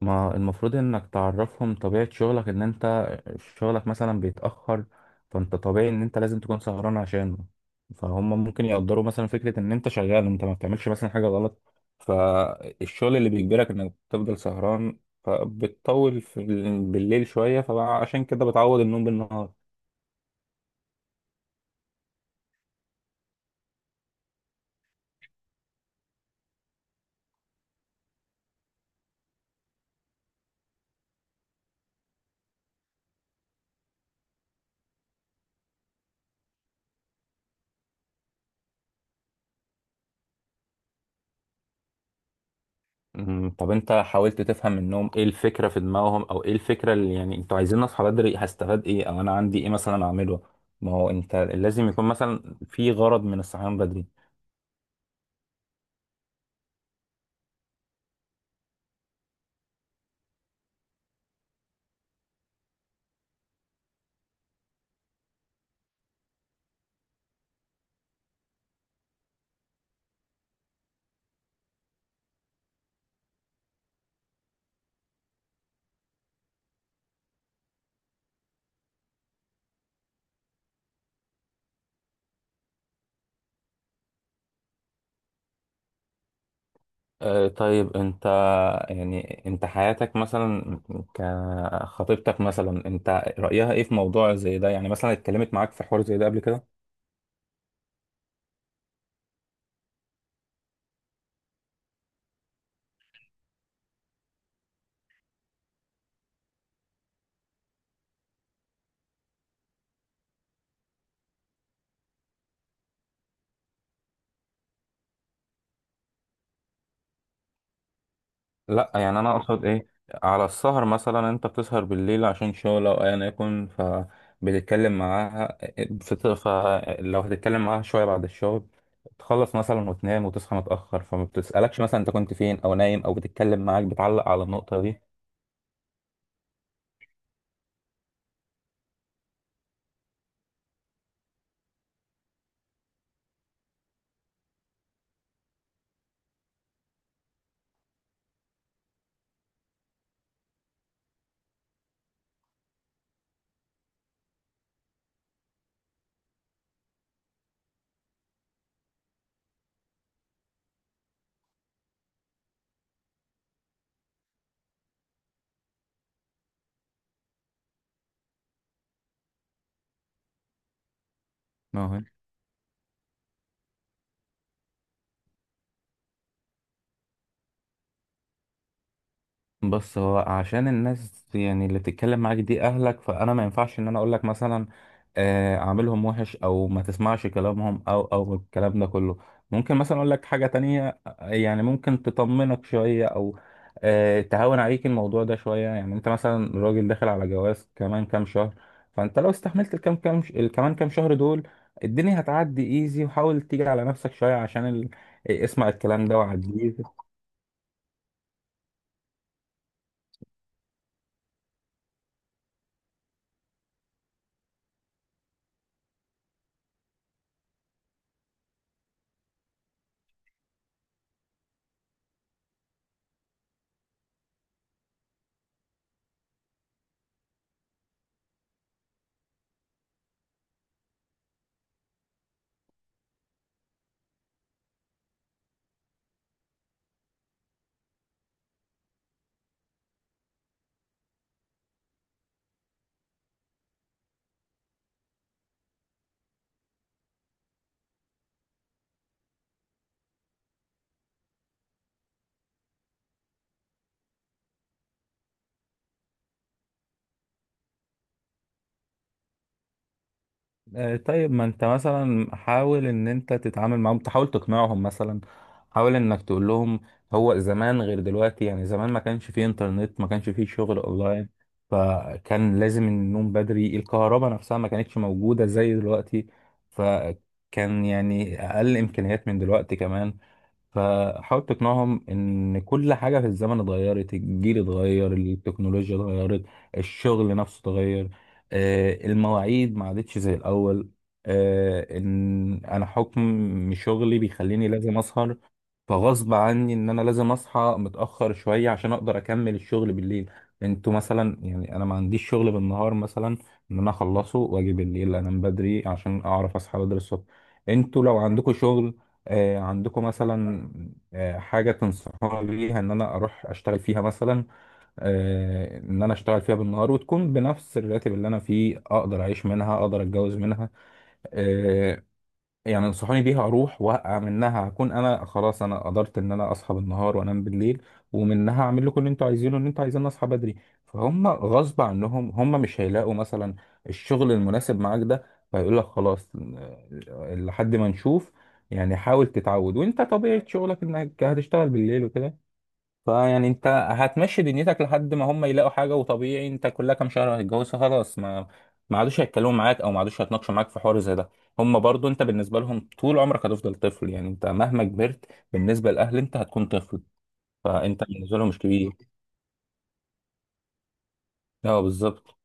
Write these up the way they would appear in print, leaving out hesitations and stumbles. ما المفروض انك تعرفهم طبيعة شغلك، ان انت شغلك مثلا بيتأخر. فانت طبيعي ان انت لازم تكون سهران عشانه، فهم ممكن يقدروا مثلا فكرة ان انت شغال، انت ما بتعملش مثلا حاجة غلط. فالشغل اللي بيجبرك انك تفضل سهران، فبتطول في بالليل شوية، فعشان كده بتعوض النوم بالنهار. طب انت حاولت تفهم منهم ايه الفكرة في دماغهم، او ايه الفكرة اللي يعني انتوا عايزين اصحى بدري هستفاد ايه، او انا عندي ايه مثلا اعمله؟ ما هو انت لازم يكون مثلا في غرض من الصحيان بدري. اه طيب انت، يعني انت حياتك مثلا، كخطيبتك مثلا، انت رأيها ايه في موضوع زي ده؟ يعني مثلا اتكلمت معاك في حوار زي ده قبل كده؟ لا يعني انا اقصد ايه، على السهر مثلا، انت بتسهر بالليل عشان شغل او ايا يكن، فبتتكلم معاها فلو هتتكلم معاها شويه بعد الشغل، تخلص مثلا وتنام وتصحى متاخر، فما بتسالكش مثلا انت كنت فين او نايم، او بتتكلم معاك بتعلق على النقطه دي؟ بص، هو عشان الناس يعني اللي بتتكلم معاك دي اهلك، فانا ما ينفعش ان انا اقول لك مثلا اعملهم وحش او ما تسمعش كلامهم، او او الكلام ده كله. ممكن مثلا اقول لك حاجة تانية يعني ممكن تطمنك شوية، او تهون عليك الموضوع ده شوية. يعني انت مثلا راجل داخل على جواز كمان كام شهر، فانت لو استحملت الكمان كام شهر دول، الدنيا هتعدي ايزي. وحاول تيجي على نفسك شوية عشان اسمع الكلام ده وعديه. طيب ما انت مثلا حاول ان انت تتعامل معاهم، تحاول تقنعهم مثلا. حاول انك تقول لهم هو زمان غير دلوقتي، يعني زمان ما كانش فيه انترنت، ما كانش فيه شغل اونلاين، فكان لازم النوم بدري. الكهرباء نفسها ما كانتش موجودة زي دلوقتي، فكان يعني اقل امكانيات من دلوقتي كمان. فحاول تقنعهم ان كل حاجه في الزمن اتغيرت، الجيل اتغير، التكنولوجيا اتغيرت، الشغل نفسه اتغير، المواعيد ما عادتش زي الاول، ان انا حكم شغلي بيخليني لازم اسهر. فغصب عني ان انا لازم اصحى متاخر شويه عشان اقدر اكمل الشغل بالليل. انتوا مثلا يعني انا ما عنديش شغل بالنهار مثلا ان انا اخلصه واجي بالليل انام بدري عشان اعرف اصحى بدري الصبح. انتوا لو عندكم شغل، آه عندكم مثلا آه حاجه تنصحوني بيها ان انا اروح اشتغل فيها مثلا، آه ان انا اشتغل فيها بالنهار وتكون بنفس الراتب اللي انا فيه، اقدر اعيش منها، اقدر اتجوز منها، آه، يعني انصحوني بيها اروح واقع منها، هكون انا خلاص انا قدرت ان انا اصحى بالنهار وانام بالليل، ومنها اعمل لكم اللي انتوا عايزينه ان انتوا عايزين اصحى بدري. فهم غصب عنهم هم مش هيلاقوا مثلا الشغل المناسب معاك ده، فيقول لك خلاص لحد ما نشوف، يعني حاول تتعود وانت طبيعة شغلك انك هتشتغل بالليل وكده. فيعني انت هتمشي دنيتك لحد ما هم يلاقوا حاجه، وطبيعي انت كلها كام شهر هتتجوز خلاص، ما عادوش هيتكلموا معاك او ما عادوش هيتناقشوا معاك في حوار زي ده. هم برضو، انت بالنسبه لهم طول عمرك هتفضل طفل، يعني انت مهما كبرت بالنسبه للاهل انت هتكون طفل، فانت بالنسبه لهم مش كبير. اه بالظبط.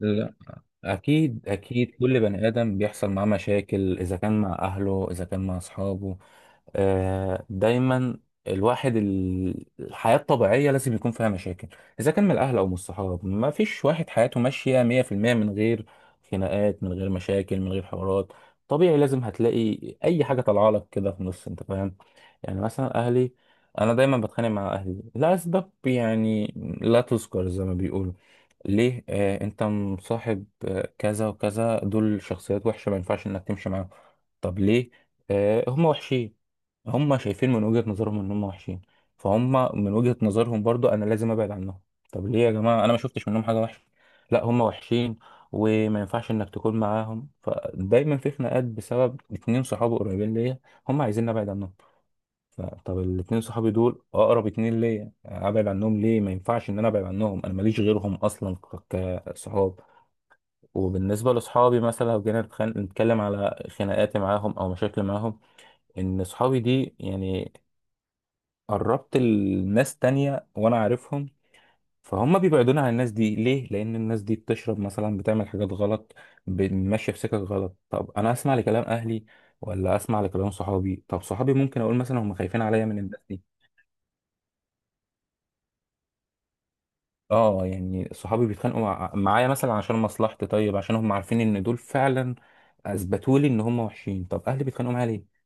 لا اكيد اكيد، كل بني ادم بيحصل معاه مشاكل، اذا كان مع اهله اذا كان مع اصحابه، دايما. الواحد الحياة الطبيعية لازم يكون فيها مشاكل، إذا كان من الأهل أو من الصحاب، ما فيش واحد حياته ماشية 100% من غير خناقات، من غير مشاكل، من غير حوارات. طبيعي لازم هتلاقي أي حاجة طالعة لك كده في النص، أنت فاهم. يعني مثلا اهلي، انا دايما بتخانق مع اهلي لاسباب يعني لا تذكر، زي ما بيقولوا ليه، آه انت مصاحب آه كذا وكذا، دول شخصيات وحشه ما ينفعش انك تمشي معاهم. طب ليه؟ آه هم وحشين، هم شايفين من وجهة نظرهم ان هم وحشين، فهم من وجهة نظرهم برضو انا لازم ابعد عنهم. طب ليه يا جماعه، انا ما شفتش منهم حاجه وحشه؟ لا هم وحشين وما ينفعش انك تكون معاهم. فدايما في خناقات بسبب اتنين صحاب قريبين ليا، هم عايزين ابعد عنهم. طب الاتنين صحابي دول اقرب اتنين ليا، ابعد عنهم ليه؟ ما ينفعش ان انا ابعد عنهم، انا ماليش غيرهم اصلا كصحاب. وبالنسبه لصحابي مثلا، لو جينا نتكلم على خناقاتي معاهم او مشاكل معاهم، ان صحابي دي يعني قربت الناس تانية وانا عارفهم، فهم بيبعدوني عن الناس دي ليه؟ لان الناس دي بتشرب مثلا، بتعمل حاجات غلط، ماشيه في سكك غلط. طب انا اسمع لكلام اهلي ولا اسمع لكلام صحابي؟ طب صحابي ممكن اقول مثلا هم خايفين عليا من الناس دي. اه يعني صحابي بيتخانقوا معايا مثلا عشان مصلحتي، طيب عشان هم عارفين ان دول فعلا اثبتوا لي ان هم وحشين. طب اهلي بيتخانقوا معايا ليه؟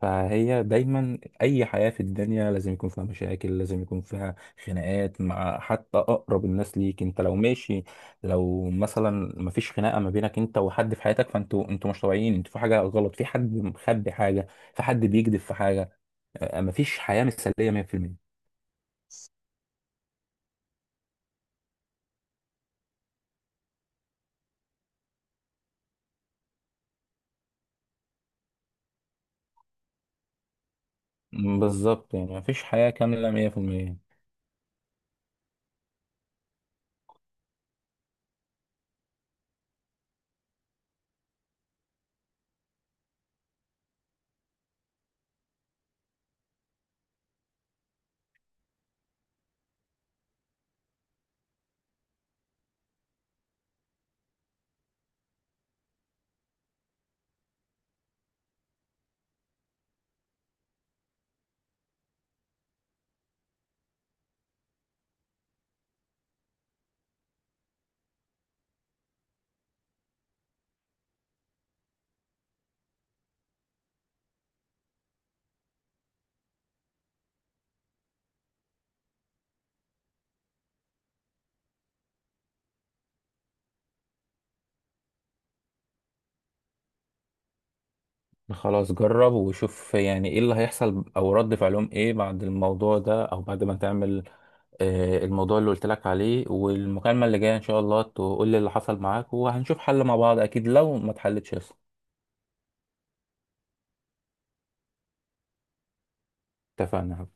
فهي دايما اي حياة في الدنيا لازم يكون فيها مشاكل، لازم يكون فيها خناقات مع حتى اقرب الناس ليك. انت لو ماشي، لو مثلا مفيش خناقة ما بينك انت وحد في حياتك، فانتوا انتوا مش طبيعيين، انتوا في حاجة غلط، في حد مخبي حاجة، في حد بيكذب في حاجة، مفيش حياة مثالية 100%. بالظبط، يعني مفيش حياة كاملة 100%. خلاص جرب وشوف يعني ايه اللي هيحصل او رد فعلهم ايه بعد الموضوع ده، او بعد ما تعمل الموضوع اللي قلت لك عليه. والمكالمة اللي جاية ان شاء الله تقول لي اللي حصل معاك، وهنشوف حل مع بعض اكيد لو ما اتحلتش يا اسطى. اتفقنا.